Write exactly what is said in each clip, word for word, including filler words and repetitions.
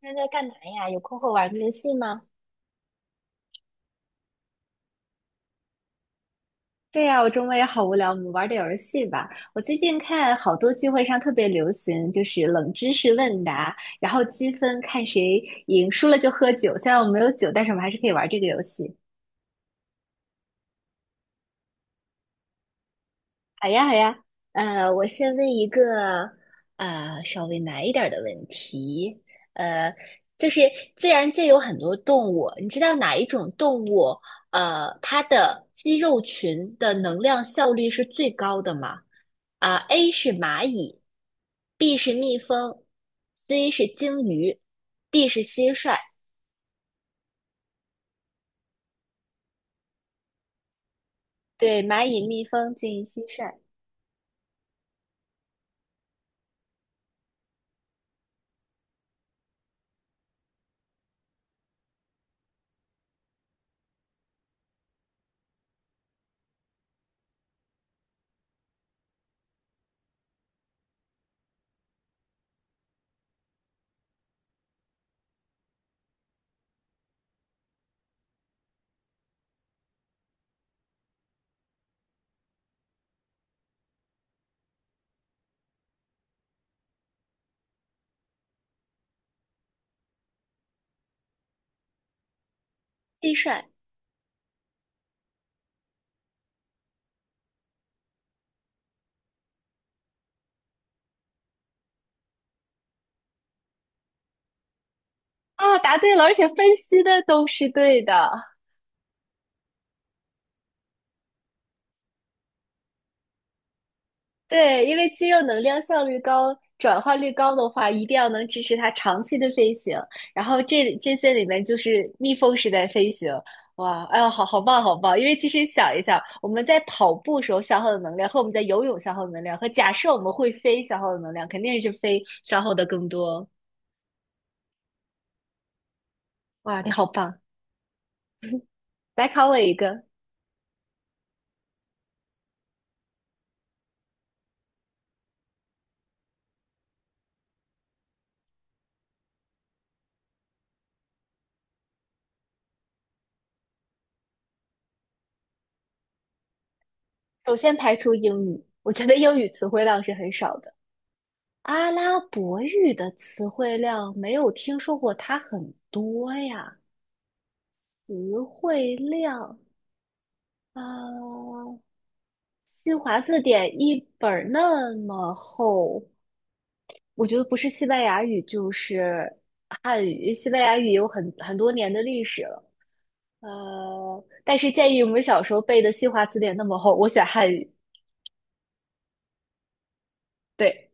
现在在干嘛呀？有空会玩个游戏吗？对呀，我周末也好无聊，我们玩点游戏吧。我最近看好多聚会上特别流行，就是冷知识问答，然后积分看谁赢，输了就喝酒。虽然我没有酒，但是我们还是可以玩这个游戏。好呀，好呀，呃，我先问一个呃稍微难一点儿的问题，呃，就是自然界有很多动物，你知道哪一种动物呃它的肌肉群的能量效率是最高的吗？啊，A 是蚂蚁，B 是蜜蜂，C 是鲸鱼，D 是蟋蟀。对，蚂蚁、蜜蜂、鲸鱼、蟋蟀，蟋蟀。啊，答对了，而且分析的都是对的。对，因为肌肉能量效率高、转化率高的话，一定要能支持它长期的飞行。然后这这些里面就是蜜蜂式在飞行，哇，哎呦，好好棒，好棒！因为其实想一想，我们在跑步时候消耗的能量和我们在游泳消耗的能量，和假设我们会飞消耗的能量，肯定是飞消耗的更多。哇，你好棒！来考我一个，首先排除英语，我觉得英语词汇量是很少的。阿拉伯语的词汇量没有听说过它很多呀，词汇量啊，新华字典一本儿那么厚，我觉得不是西班牙语就是汉语，西班牙语有很很多年的历史了，呃，但是建议我们小时候背的新华词典那么厚，我选汉语，对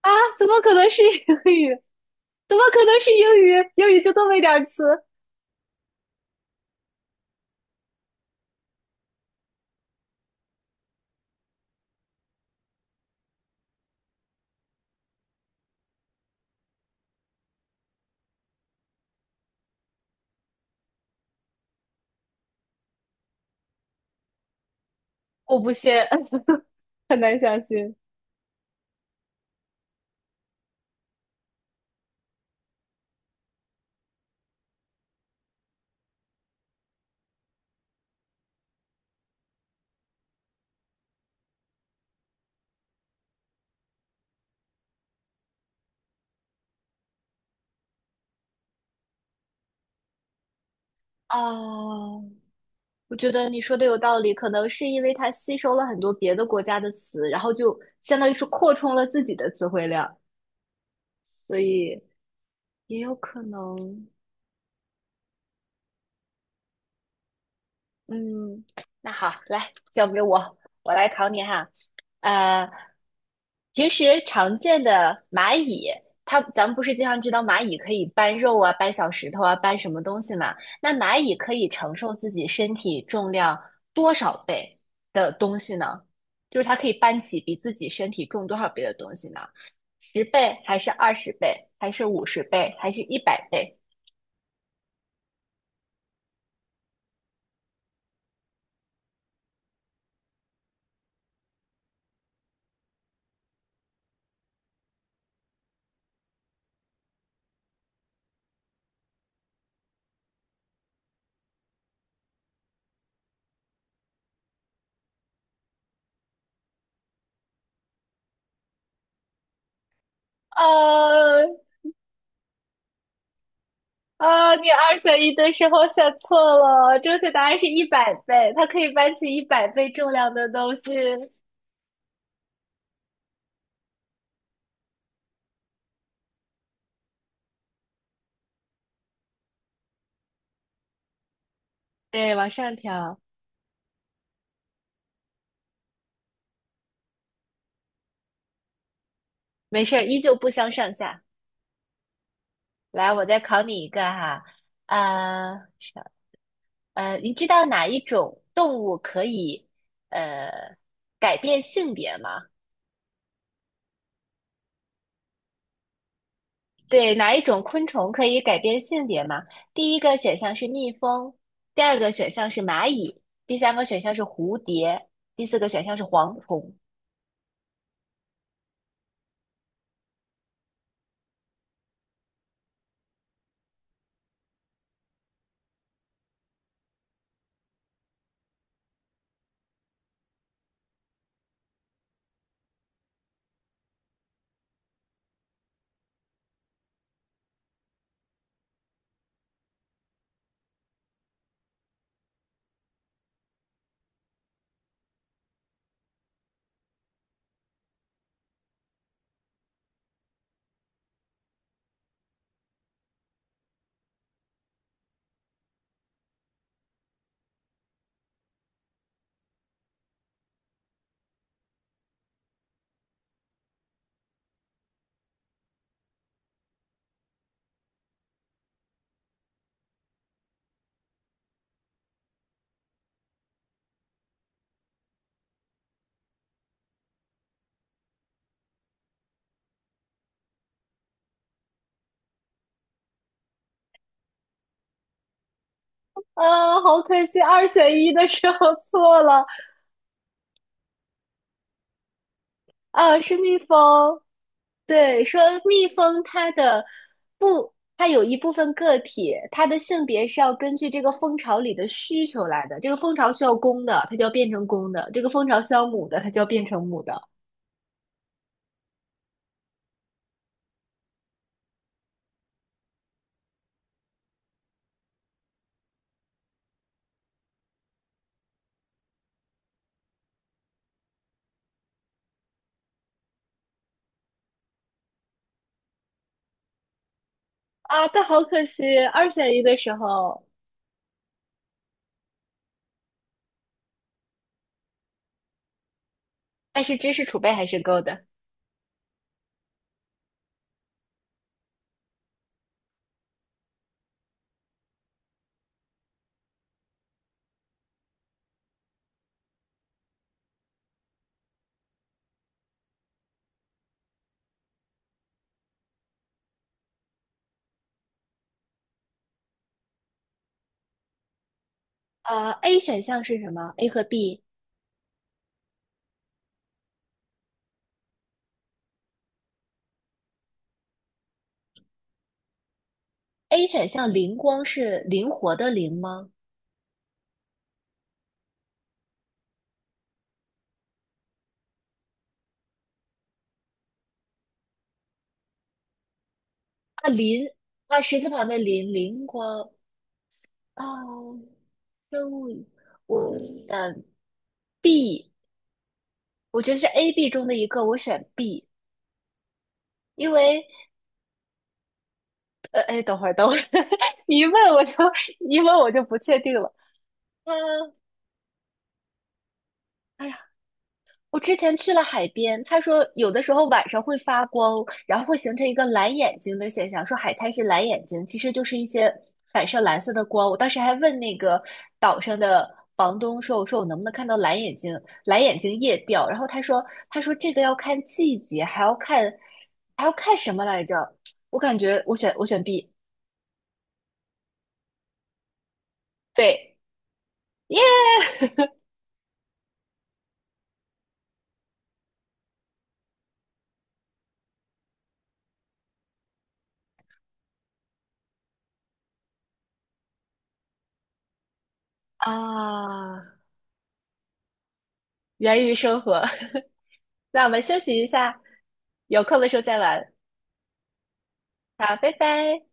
啊，怎么可能是英语？怎么可能是英语？英语就这么一点儿词，我不信。很难相信。啊，我觉得你说的有道理，可能是因为它吸收了很多别的国家的词，然后就相当于是扩充了自己的词汇量，所以也有可能。嗯，那好，来，交给我，我来考你哈。呃，平时常见的蚂蚁，它咱们不是经常知道蚂蚁可以搬肉啊、搬小石头啊、搬什么东西嘛？那蚂蚁可以承受自己身体重量多少倍的东西呢？就是它可以搬起比自己身体重多少倍的东西呢？十倍，还是二十倍，还是五十倍，还是一百倍？呃，啊，你二选一的时候选错了，正确答案是一百倍，它可以搬起一百倍重量的东西。对，往上调，没事儿，依旧不相上下。来，我再考你一个哈，啊，是呃，你知道哪一种动物可以呃改变性别吗？对，哪一种昆虫可以改变性别吗？第一个选项是蜜蜂，第二个选项是蚂蚁，第三个选项是蝴蝶，第四个选项是蝗虫。啊，好可惜，二选一的时候 错了啊，是蜜蜂。对，说蜜蜂它的不，它有一部分个体，它的性别是要根据这个蜂巢里的需求来的。这个蜂巢需要公的，它就要变成公的；这个蜂巢需要母的，它就要变成母的。啊，但好可惜，二选一的时候，但是知识储备还是够的。啊。A 选项是什么？A 和 B。A 选项灵光是灵活的灵吗？啊，林啊，十字旁的林，灵光，啊，生物，我嗯呃 B，我觉得是 A、B 中的一个，我选 B，因为呃，哎，等会儿，等会儿，你一问我就一问我就不确定了。嗯，哎呀，我之前去了海边，他说有的时候晚上会发光，然后会形成一个蓝眼睛的现象，说海滩是蓝眼睛，其实就是一些反射蓝色的光。我当时还问那个岛上的房东说："我说我能不能看到蓝眼睛？蓝眼睛夜钓？"然后他说："他说这个要看季节，还要看还要看什么来着？"我感觉我选我选 B，对，耶啊，源于生活。那我们休息一下，有空的时候再玩。好，拜拜。